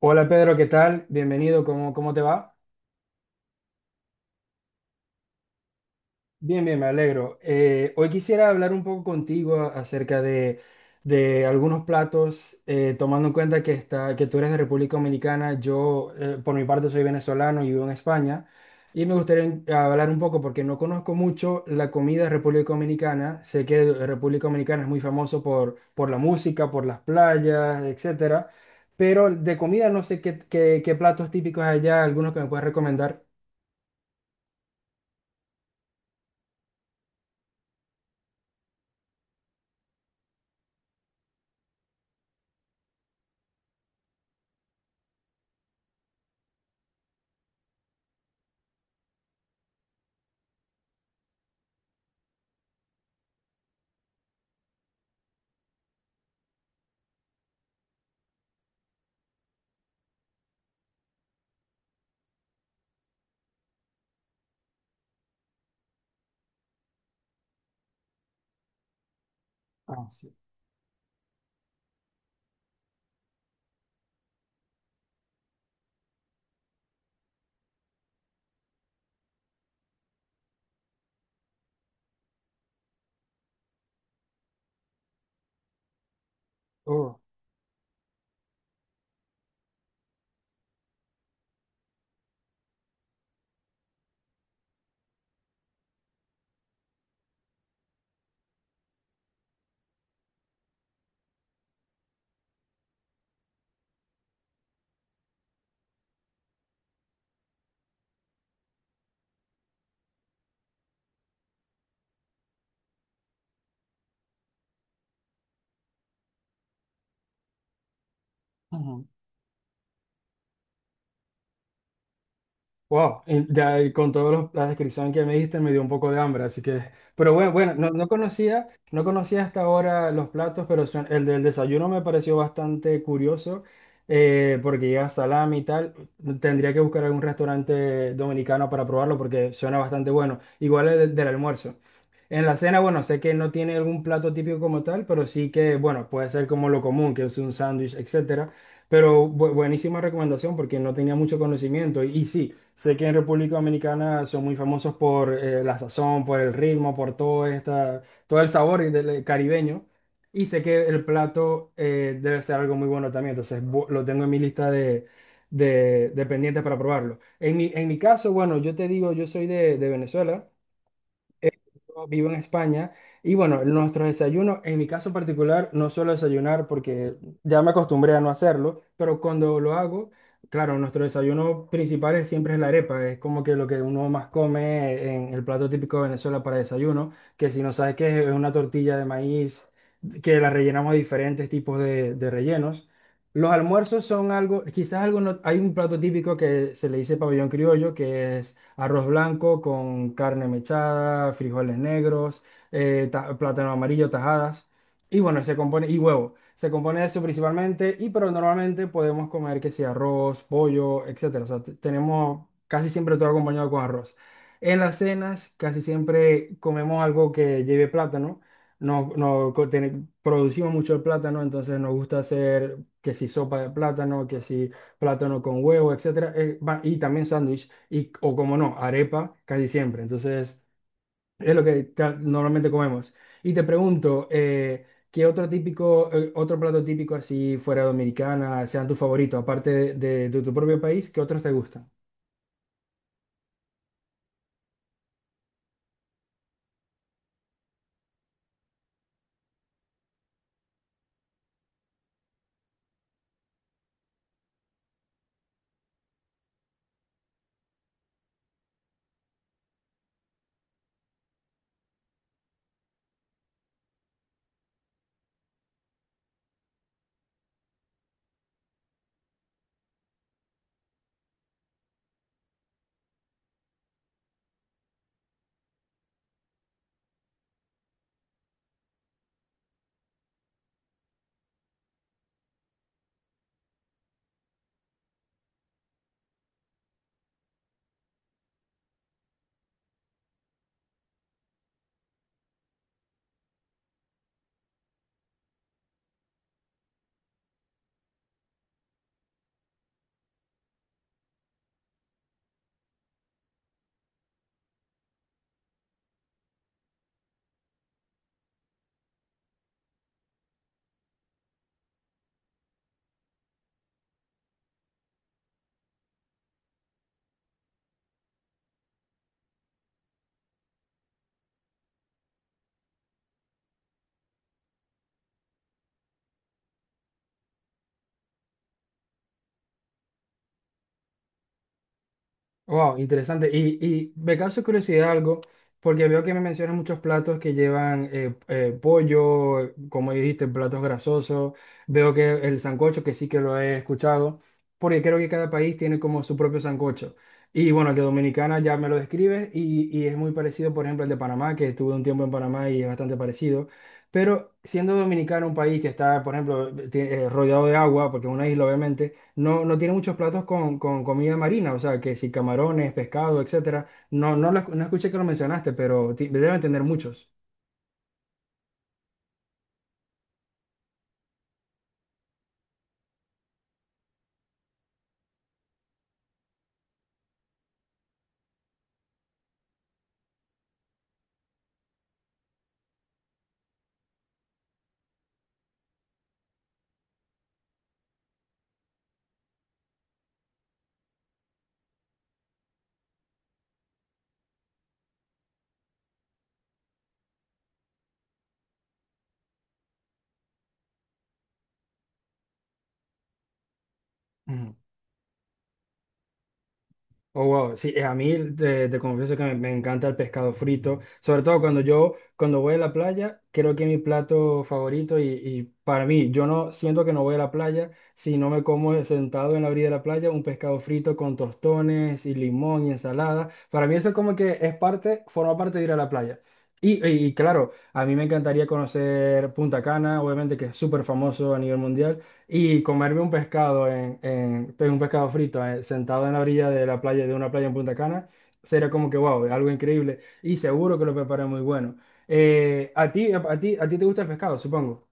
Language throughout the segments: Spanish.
Hola, Pedro, ¿qué tal? Bienvenido, ¿cómo te va? Bien, bien, me alegro. Hoy quisiera hablar un poco contigo acerca de algunos platos, tomando en cuenta que tú eres de República Dominicana. Yo, por mi parte, soy venezolano y vivo en España, y me gustaría hablar un poco porque no conozco mucho la comida de República Dominicana. Sé que República Dominicana es muy famoso por la música, por las playas, etcétera, pero de comida no sé qué platos típicos hay allá, algunos que me puedes recomendar. Ah, sí. Oh, ujú. Wow, y ya y con toda la descripción que me diste me dio un poco de hambre, así que, pero bueno, no conocía, no conocía hasta ahora los platos, pero el del desayuno me pareció bastante curioso, porque lleva salami y tal. Tendría que buscar algún restaurante dominicano para probarlo porque suena bastante bueno, igual el del almuerzo. En la cena, bueno, sé que no tiene algún plato típico como tal, pero sí que, bueno, puede ser como lo común, que es un sándwich, etcétera. Pero buenísima recomendación porque no tenía mucho conocimiento. Y sí, sé que en República Dominicana son muy famosos por la sazón, por el ritmo, por todo, esta, todo el sabor y del caribeño. Y sé que el plato debe ser algo muy bueno también. Entonces lo tengo en mi lista de pendientes para probarlo. En mi caso, bueno, yo te digo, yo soy de Venezuela. Eh, yo vivo en España y bueno, nuestros desayunos, en mi caso particular, no suelo desayunar porque ya me acostumbré a no hacerlo, pero cuando lo hago, claro, nuestro desayuno principal siempre es la arepa, es como que lo que uno más come en el plato típico de Venezuela para desayuno. Que si no sabes qué es una tortilla de maíz que la rellenamos de diferentes tipos de rellenos. Los almuerzos son algo, quizás algo, hay un plato típico que se le dice pabellón criollo, que es arroz blanco con carne mechada, frijoles negros, plátano amarillo, tajadas. Y bueno, se compone, y huevo. Se compone de eso principalmente, y pero normalmente podemos comer que sea arroz, pollo, etcétera. O sea, tenemos casi siempre todo acompañado con arroz. En las cenas casi siempre comemos algo que lleve plátano. No, producimos mucho el plátano, entonces nos gusta hacer que si sopa de plátano, que si plátano con huevo, etcétera, y también sándwich, y, o como no, arepa casi siempre. Entonces, es lo que normalmente comemos. Y te pregunto, ¿qué otro típico, otro plato típico así fuera dominicana sean tu favorito, aparte de tu propio país, qué otros te gustan? Wow, interesante. Y me causa curiosidad algo, porque veo que me mencionas muchos platos que llevan pollo, como dijiste, platos grasosos. Veo que el sancocho, que sí que lo he escuchado, porque creo que cada país tiene como su propio sancocho. Y bueno, el de Dominicana ya me lo describes y es muy parecido, por ejemplo, el de Panamá, que estuve un tiempo en Panamá y es bastante parecido. Pero siendo Dominicana un país que está, por ejemplo, rodeado de agua, porque es una isla, obviamente no, no tiene muchos platos con comida marina, o sea, que si camarones, pescado, etcétera. No, no, no escuché que lo mencionaste, pero deben tener muchos. Oh, wow. Sí, a mí te, te confieso que me encanta el pescado frito, sobre todo cuando yo, cuando voy a la playa, creo que es mi plato favorito y para mí, yo no siento que no voy a la playa si no me como sentado en la orilla de la playa un pescado frito con tostones y limón y ensalada. Para mí eso como que es parte, forma parte de ir a la playa. Y claro, a mí me encantaría conocer Punta Cana, obviamente que es súper famoso a nivel mundial. Y comerme un pescado pues, un pescado frito sentado en la orilla de la playa, de una playa en Punta Cana, sería como que wow, algo increíble. Y seguro que lo preparé muy bueno. A ti te gusta el pescado, supongo.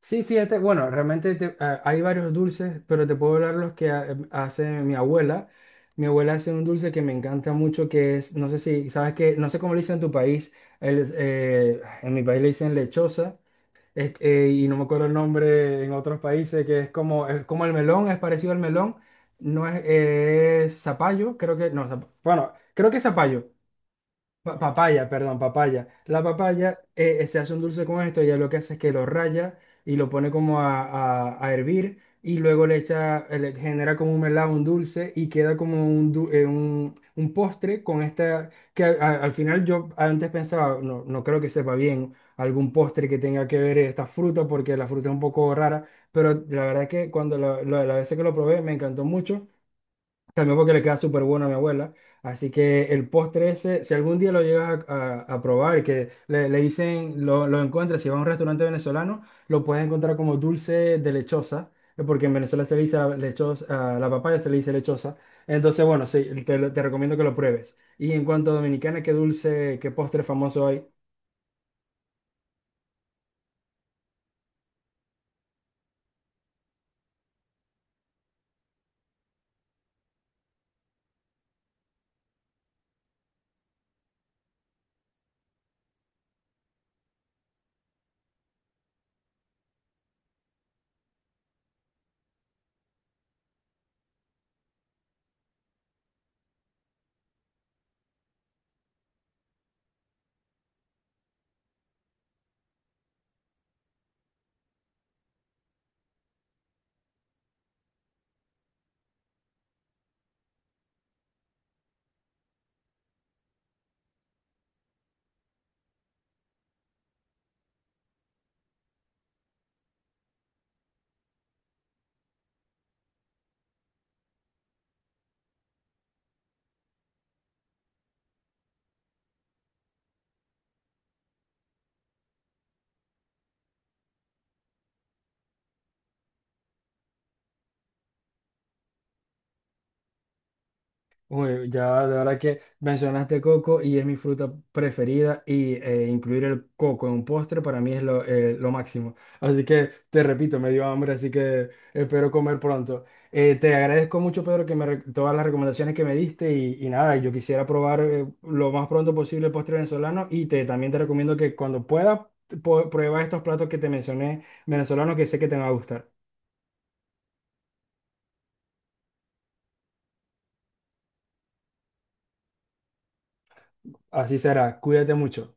Sí, fíjate, bueno, realmente ah, hay varios dulces, pero te puedo hablar los que hace mi abuela. Mi abuela hace un dulce que me encanta mucho, que es, no sé si, sabes que, no sé cómo le dicen en tu país, en mi país le dicen lechosa. Es y no me acuerdo el nombre en otros países, que es como el melón, es parecido al melón, no es, es zapallo, creo que, no, bueno, creo que es zapallo, papaya, perdón, papaya. La papaya se hace un dulce con esto, ella lo que hace es que lo raya y lo pone como a, a hervir y luego le echa, le genera como un melado, un dulce y queda como un un postre con esta, que al final yo antes pensaba, no, no creo que sepa bien algún postre que tenga que ver esta fruta porque la fruta es un poco rara, pero la verdad es que cuando la vez que lo probé me encantó mucho. También porque le queda súper bueno a mi abuela. Así que el postre ese, si algún día lo llegas a, a probar, que le dicen, lo encuentras, si vas a un restaurante venezolano, lo puedes encontrar como dulce de lechosa, porque en Venezuela se le dice a la lechosa, a la papaya se le dice lechosa. Entonces, bueno, sí, te, te recomiendo que lo pruebes. Y en cuanto a Dominicana, ¿qué dulce, qué postre famoso hay? Uy, ya de verdad que mencionaste coco y es mi fruta preferida y incluir el coco en un postre para mí es lo máximo. Así que te repito, me dio hambre, así que espero comer pronto. Te agradezco mucho, Pedro, que me, todas las recomendaciones que me diste y nada, yo quisiera probar lo más pronto posible el postre venezolano y te, también te recomiendo que cuando puedas prueba estos platos que te mencioné venezolanos que sé que te van a gustar. Así será, cuídate mucho.